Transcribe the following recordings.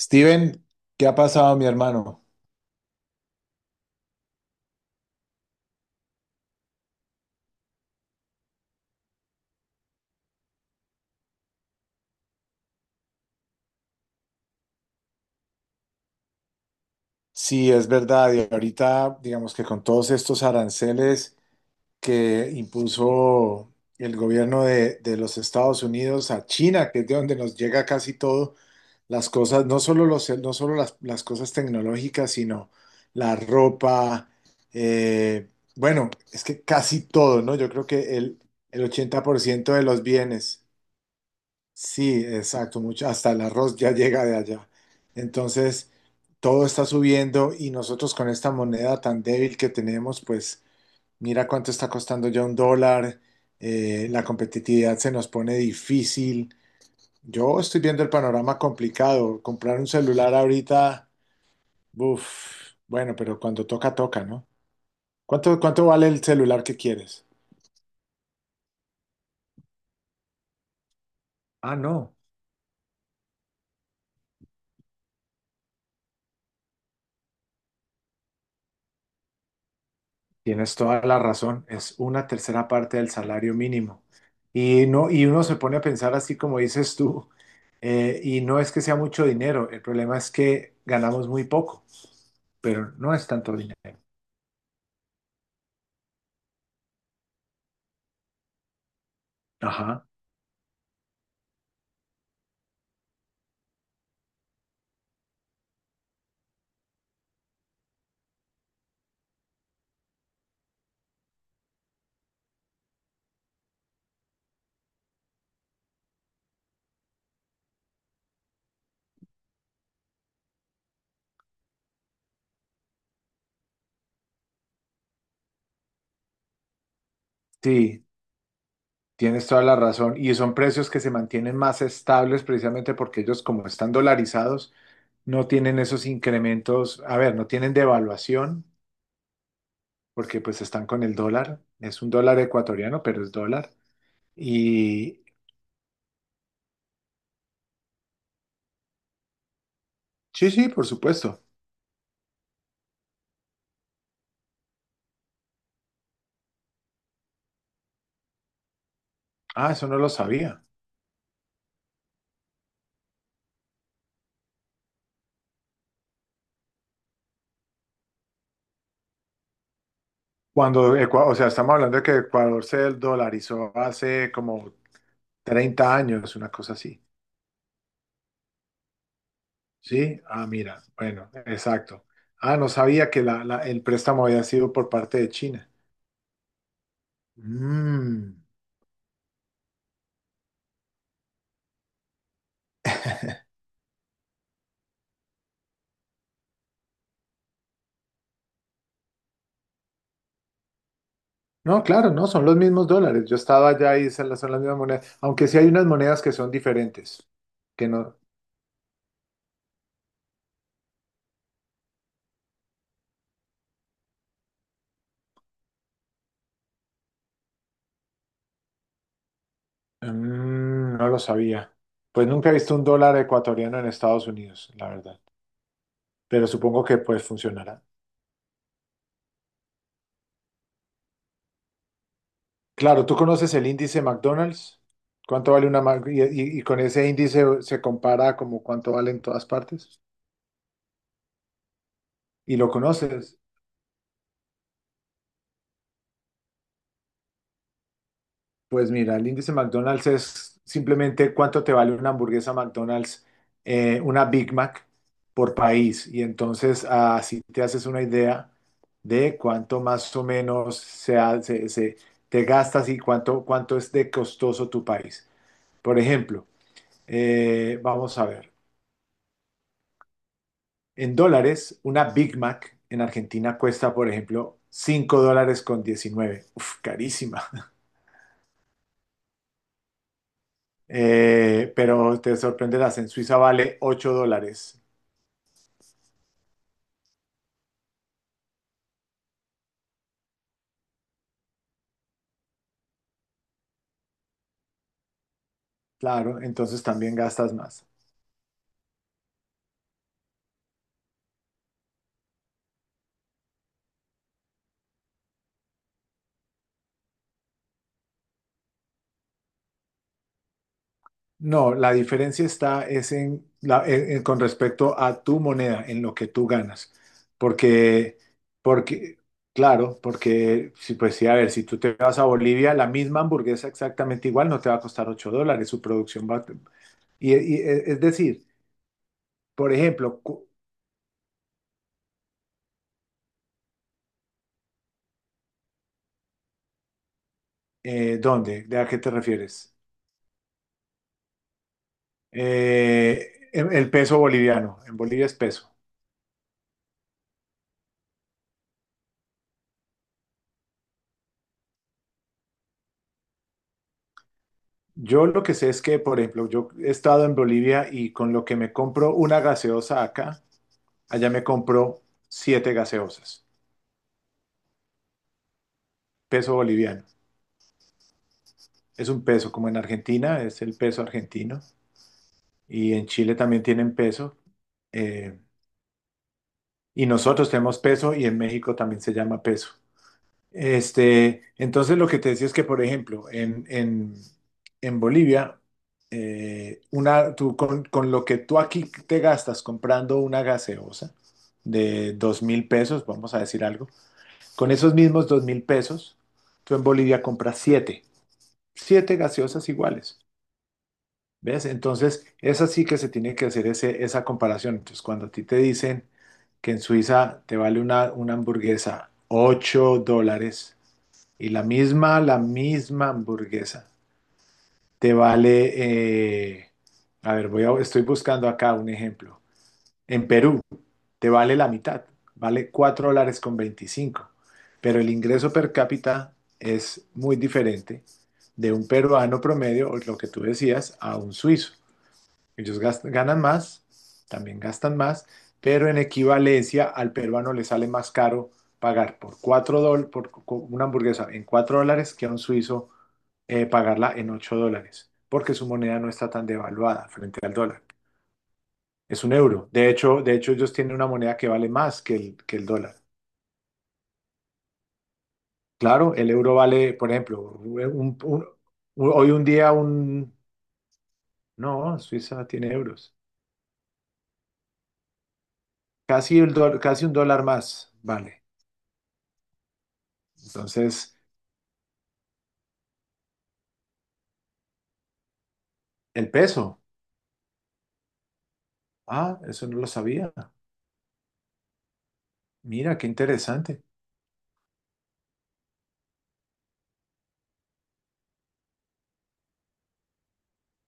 Steven, ¿qué ha pasado, mi hermano? Sí, es verdad, y ahorita, digamos que con todos estos aranceles que impuso el gobierno de los Estados Unidos a China, que es de donde nos llega casi todo, las cosas, no solo las cosas tecnológicas, sino la ropa, eh, bueno, es que casi todo, ¿no? Yo creo que el 80% de los bienes. Sí, exacto, mucho, hasta el arroz ya llega de allá. Entonces, todo está subiendo y nosotros con esta moneda tan débil que tenemos, pues mira cuánto está costando ya un dólar, la competitividad se nos pone difícil. Yo estoy viendo el panorama complicado. Comprar un celular ahorita, uff, bueno, pero cuando toca, toca, ¿no? ¿Cuánto vale el celular que quieres? Ah, no. Tienes toda la razón, es una tercera parte del salario mínimo. Y no, y uno se pone a pensar así como dices tú, y no es que sea mucho dinero, el problema es que ganamos muy poco, pero no es tanto dinero. Ajá. Sí, tienes toda la razón. Y son precios que se mantienen más estables precisamente porque ellos, como están dolarizados, no tienen esos incrementos, a ver, no tienen devaluación porque pues están con el dólar, es un dólar ecuatoriano, pero es dólar. Y, sí, sí, por supuesto. Ah, eso no lo sabía. O sea, estamos hablando de que Ecuador se dolarizó hace como 30 años, una cosa así. Sí, ah, mira, bueno, exacto. Ah, no sabía que el préstamo había sido por parte de China. Mm. No, claro, no, son los mismos dólares. Yo estaba allá y son las mismas monedas, aunque sí hay unas monedas que son diferentes, que no. No lo sabía. Pues nunca he visto un dólar ecuatoriano en Estados Unidos, la verdad, pero supongo que pues funcionará. Claro, ¿tú conoces el índice McDonald's? ¿Cuánto vale una Mac? Y con ese índice se compara como cuánto vale en todas partes. ¿Y lo conoces? Pues mira, el índice McDonald's es simplemente cuánto te vale una hamburguesa McDonald's, una Big Mac por país. Y entonces así te haces una idea de cuánto más o menos se, ha- se- se- te gastas y cuánto es de costoso tu país. Por ejemplo, vamos a ver. En dólares, una Big Mac en Argentina cuesta, por ejemplo, $5,19. Uf, carísima. Pero te sorprenderás, en Suiza vale $8. Claro, entonces también gastas más. No, la diferencia está es en con respecto a tu moneda, en lo que tú ganas. Porque, porque, claro, porque, si pues sí, a ver, si tú te vas a Bolivia, la misma hamburguesa exactamente igual no te va a costar $8, su producción va... es decir, por ejemplo, ¿dónde? ¿De a qué te refieres? El peso boliviano. En Bolivia es peso. Yo lo que sé es que, por ejemplo, yo he estado en Bolivia y con lo que me compro una gaseosa acá, allá me compro siete gaseosas. Peso boliviano. Es un peso, como en Argentina, es el peso argentino. Y en Chile también tienen peso. eh, y nosotros tenemos peso y en México también se llama peso. Este, entonces lo que te decía es que, por ejemplo, en, en Bolivia, con lo que tú aquí te gastas comprando una gaseosa de 2.000 pesos, vamos a decir algo, con esos mismos 2.000 pesos, tú en Bolivia compras siete, gaseosas iguales, ¿ves? Entonces, es así que se tiene que hacer ese, esa comparación. Entonces, cuando a ti te dicen que en Suiza te vale una hamburguesa $8, y la misma hamburguesa te vale, eh, a ver, estoy buscando acá un ejemplo. En Perú te vale la mitad, vale $4,25, pero el ingreso per cápita es muy diferente de un peruano promedio, o lo que tú decías, a un suizo. Ellos ganan más, también gastan más, pero en equivalencia al peruano le sale más caro pagar por $4, una hamburguesa en $4 que a un suizo pagarla en $8, porque su moneda no está tan devaluada frente al dólar. Es un euro. De hecho ellos tienen una moneda que vale más que el dólar. Claro, el euro vale, por ejemplo, hoy un día un... No, Suiza tiene euros. Casi, casi un dólar más, vale. Entonces, el peso. Ah, eso no lo sabía. Mira, qué interesante.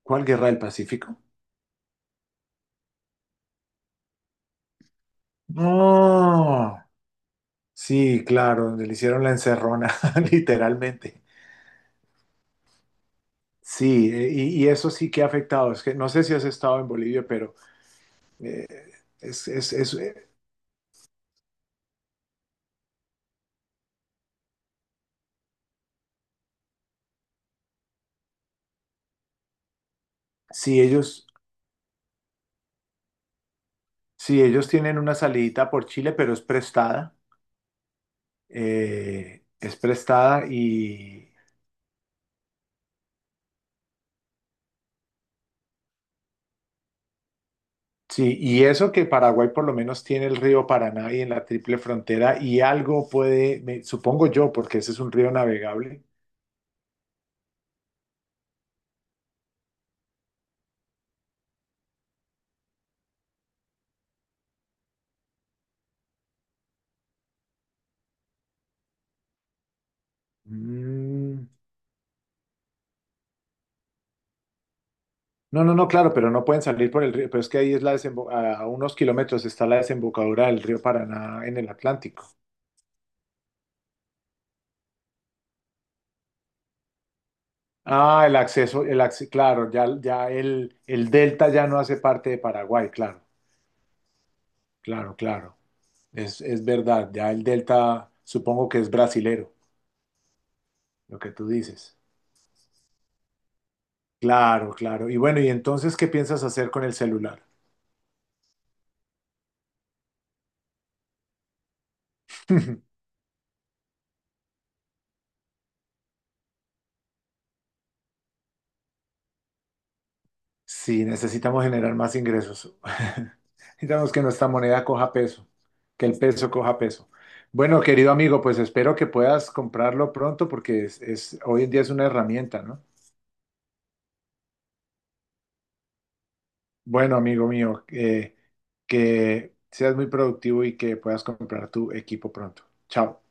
¿Cuál guerra del Pacífico? No. Sí, claro, donde le hicieron la encerrona, literalmente. Sí, y eso sí que ha afectado. Es que no sé si has estado en Bolivia, pero eh, es, es, es, eh, si ellos, si ellos tienen una salidita por Chile, pero es prestada y, sí, y eso que Paraguay por lo menos tiene el río Paraná y en la triple frontera y algo puede, supongo yo, porque ese es un río navegable. Mm, no, no, no, claro, pero no pueden salir por el río, pero es que ahí es la a unos kilómetros está la desembocadura del río Paraná en el Atlántico. Ah, el acceso, claro, ya el delta ya no hace parte de Paraguay, claro, claro, claro. Es verdad, ya el delta supongo que es brasilero, lo que tú dices. Claro, claro. Y bueno, ¿y entonces qué piensas hacer con el celular? Sí, necesitamos generar más ingresos. Necesitamos que nuestra moneda coja peso, que el peso coja peso. Bueno, querido amigo, pues espero que puedas comprarlo pronto porque hoy en día es una herramienta, ¿no? Bueno, amigo mío, que seas muy productivo y que puedas comprar tu equipo pronto. Chao.